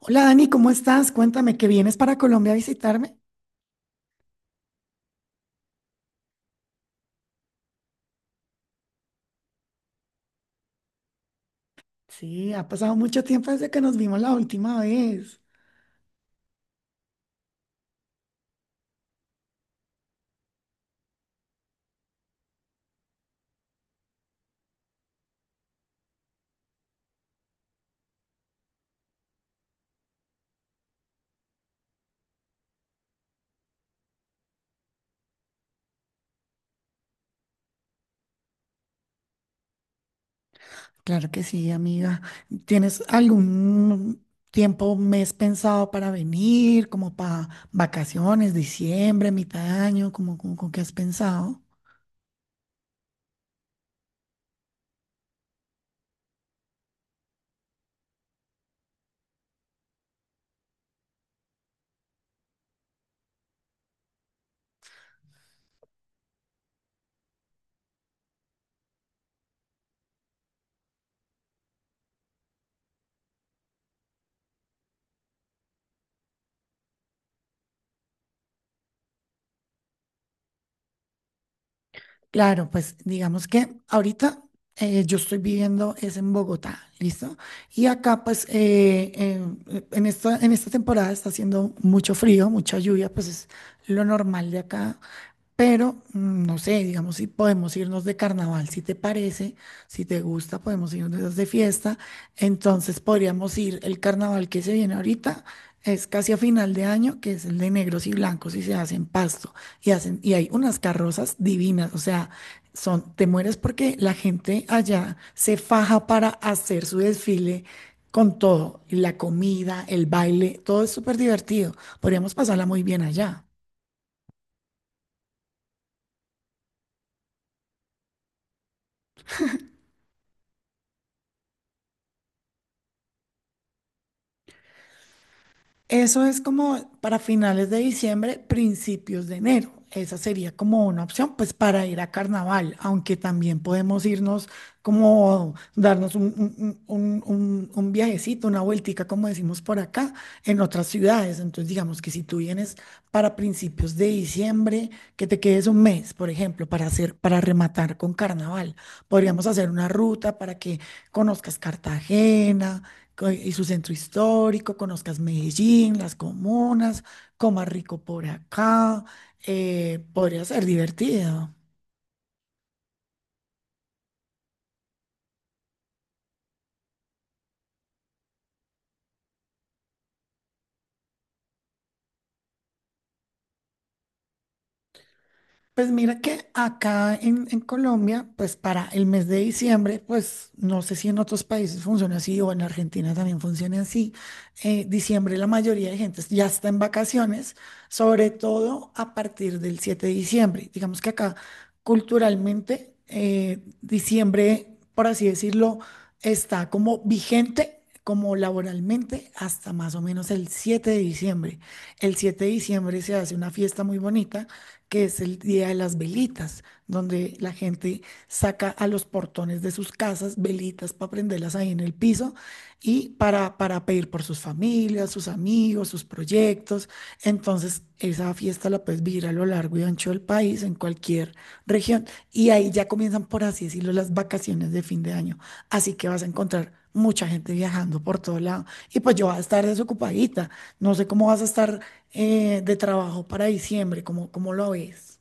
Hola Dani, ¿cómo estás? Cuéntame que vienes para Colombia a visitarme. Sí, ha pasado mucho tiempo desde que nos vimos la última vez. Claro que sí, amiga. ¿Tienes algún tiempo, mes pensado para venir, como para vacaciones, diciembre, mitad de año, con qué has pensado? Claro, pues digamos que ahorita yo estoy viviendo es en Bogotá, ¿listo? Y acá pues en esta temporada está haciendo mucho frío, mucha lluvia, pues es lo normal de acá. Pero, no sé, digamos, si podemos irnos de carnaval, si te parece, si te gusta, podemos irnos de fiesta. Entonces podríamos ir, el carnaval que se viene ahorita es casi a final de año, que es el de negros y blancos y se hacen pasto y hacen, y hay unas carrozas divinas, o sea, son, te mueres porque la gente allá se faja para hacer su desfile con todo, y la comida, el baile, todo es súper divertido. Podríamos pasarla muy bien allá. Eso es como para finales de diciembre, principios de enero. Esa sería como una opción, pues para ir a carnaval, aunque también podemos irnos como darnos un viajecito, una vueltica, como decimos por acá, en otras ciudades. Entonces, digamos que si tú vienes para principios de diciembre, que te quedes un mes, por ejemplo, para hacer, para rematar con carnaval. Podríamos hacer una ruta para que conozcas Cartagena y su centro histórico, conozcas Medellín, las comunas, comas rico por acá, podría ser divertido. Pues mira que acá en Colombia, pues para el mes de diciembre, pues no sé si en otros países funciona así o en Argentina también funciona así. Eh, diciembre la mayoría de gente ya está en vacaciones, sobre todo a partir del 7 de diciembre. Digamos que acá culturalmente diciembre, por así decirlo, está como vigente. Como laboralmente hasta más o menos el 7 de diciembre. El 7 de diciembre se hace una fiesta muy bonita que es el Día de las Velitas, donde la gente saca a los portones de sus casas velitas para prenderlas ahí en el piso y para pedir por sus familias, sus amigos, sus proyectos. Entonces, esa fiesta la puedes vivir a lo largo y ancho del país, en cualquier región. Y ahí ya comienzan, por así decirlo, las vacaciones de fin de año. Así que vas a encontrar mucha gente viajando por todo lado. Y pues yo voy a estar desocupadita. No sé cómo vas a estar de trabajo para diciembre, cómo lo ves.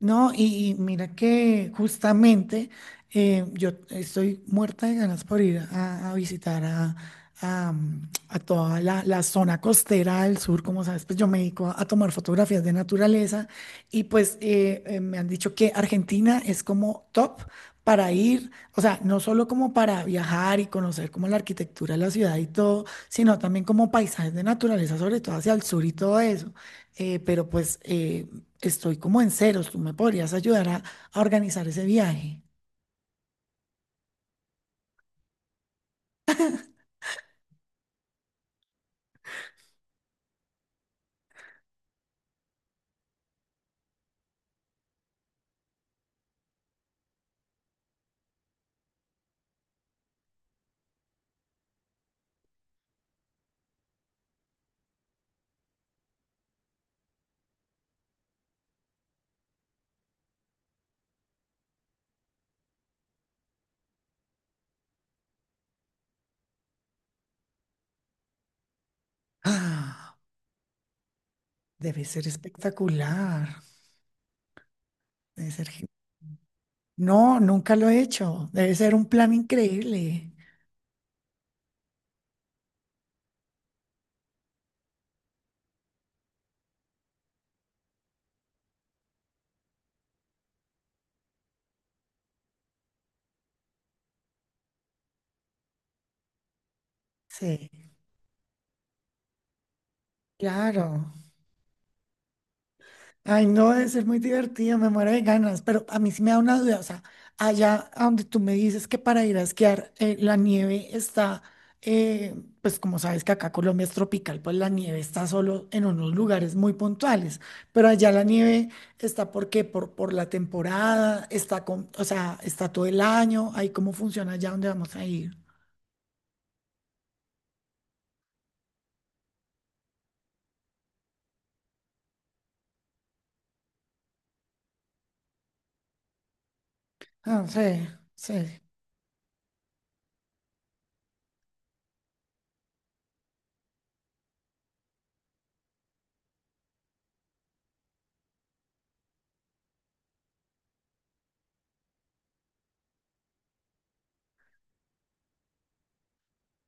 No, y mira que justamente yo estoy muerta de ganas por ir a visitar a a toda la zona costera del sur, como sabes, pues yo me dedico a tomar fotografías de naturaleza y pues me han dicho que Argentina es como top para ir, o sea, no solo como para viajar y conocer como la arquitectura de la ciudad y todo, sino también como paisajes de naturaleza, sobre todo hacia el sur y todo eso. Pero estoy como en ceros. ¿Tú me podrías ayudar a organizar ese viaje? Ah, debe ser espectacular. Debe ser... gen- No, nunca lo he hecho. Debe ser un plan increíble. Sí, claro. Ay, no, debe ser muy divertido, me muero de ganas, pero a mí sí me da una duda, o sea, allá a donde tú me dices que para ir a esquiar la nieve está, eh, pues como sabes que acá Colombia es tropical, pues la nieve está solo en unos lugares muy puntuales, pero allá la nieve está. ¿Por qué? Por la temporada, está con, o sea, está todo el año. Ahí cómo funciona allá donde vamos a ir. Ah, sí, sí,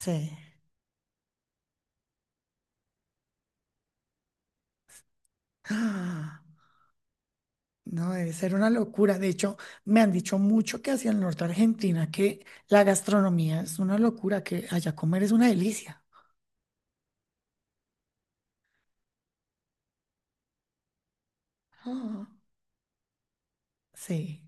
sí. No, debe ser una locura. De hecho, me han dicho mucho que hacia el norte de Argentina que la gastronomía es una locura, que allá comer es una delicia. Ah, sí,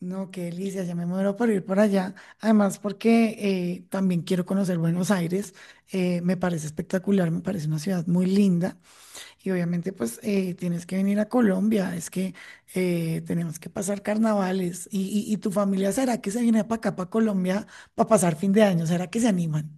no, qué delicia, ya me muero por ir por allá. Además, porque también quiero conocer Buenos Aires. Me parece espectacular, me parece una ciudad muy linda y obviamente pues tienes que venir a Colombia, es que tenemos que pasar carnavales y, y tu familia, ¿será que se viene para acá, para Colombia, para pasar fin de año? ¿Será que se animan?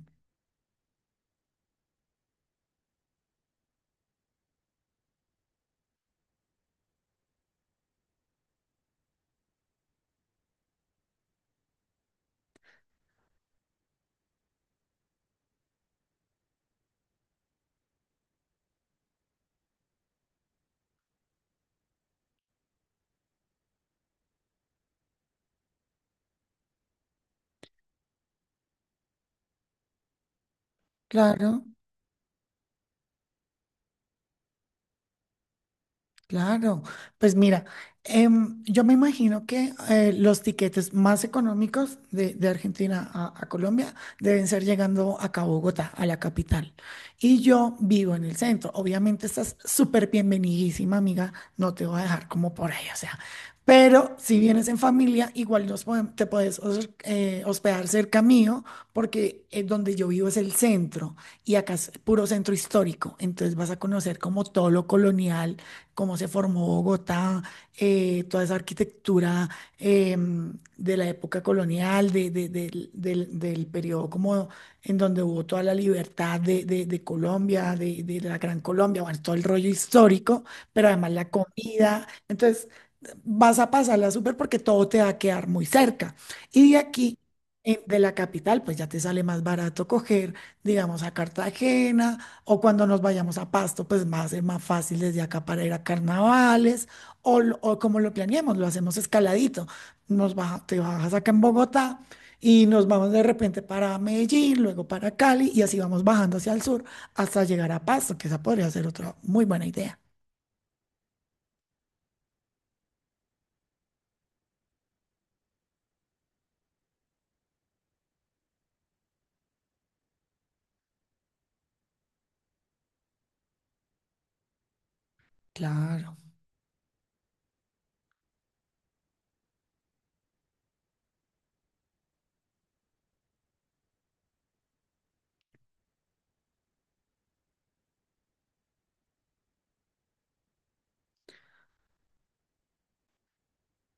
Claro. Claro, pues mira, yo me imagino que los tiquetes más económicos de Argentina a Colombia deben ser llegando acá a Bogotá, a la capital. Y yo vivo en el centro. Obviamente estás súper bienvenidísima, amiga. No te voy a dejar como por ahí, o sea. Pero si vienes en familia, igual nos podem- te puedes hos- hospedar cerca mío, porque donde yo vivo es el centro y acá es puro centro histórico. Entonces vas a conocer como todo lo colonial, cómo se formó Bogotá, toda esa arquitectura de la época colonial, del periodo como en donde hubo toda la libertad de Colombia, de la Gran Colombia, bueno, todo el rollo histórico, pero además la comida. Entonces, vas a pasarla súper porque todo te va a quedar muy cerca. Y de aquí, de la capital, pues ya te sale más barato coger, digamos, a Cartagena o cuando nos vayamos a Pasto, pues va a ser más fácil desde acá para ir a carnavales, o, o como lo planeemos, lo hacemos escaladito. Te bajas acá en Bogotá y nos vamos de repente para Medellín, luego para Cali, y así vamos bajando hacia el sur hasta llegar a Pasto, que esa podría ser otra muy buena idea. Claro.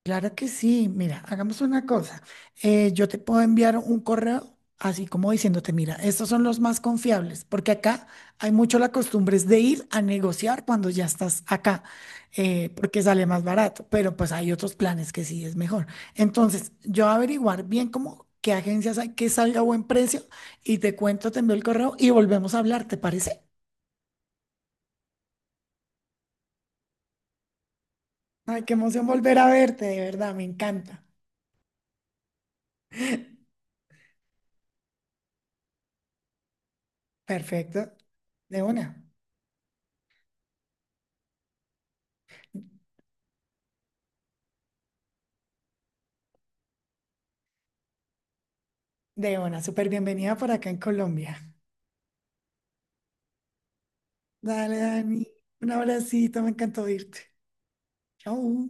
Claro que sí. Mira, hagamos una cosa. Yo te puedo enviar un correo así como diciéndote, mira, estos son los más confiables, porque acá hay mucho la costumbre es de ir a negociar cuando ya estás acá, porque sale más barato, pero pues hay otros planes que sí es mejor. Entonces, yo averiguar bien cómo, qué agencias hay que salga a buen precio y te cuento, te envío el correo y volvemos a hablar, ¿te parece? Ay, qué emoción volver a verte, de verdad, me encanta. Perfecto. De una. De una, súper bienvenida por acá en Colombia. Dale, Dani. Un abracito, me encantó irte. Chau.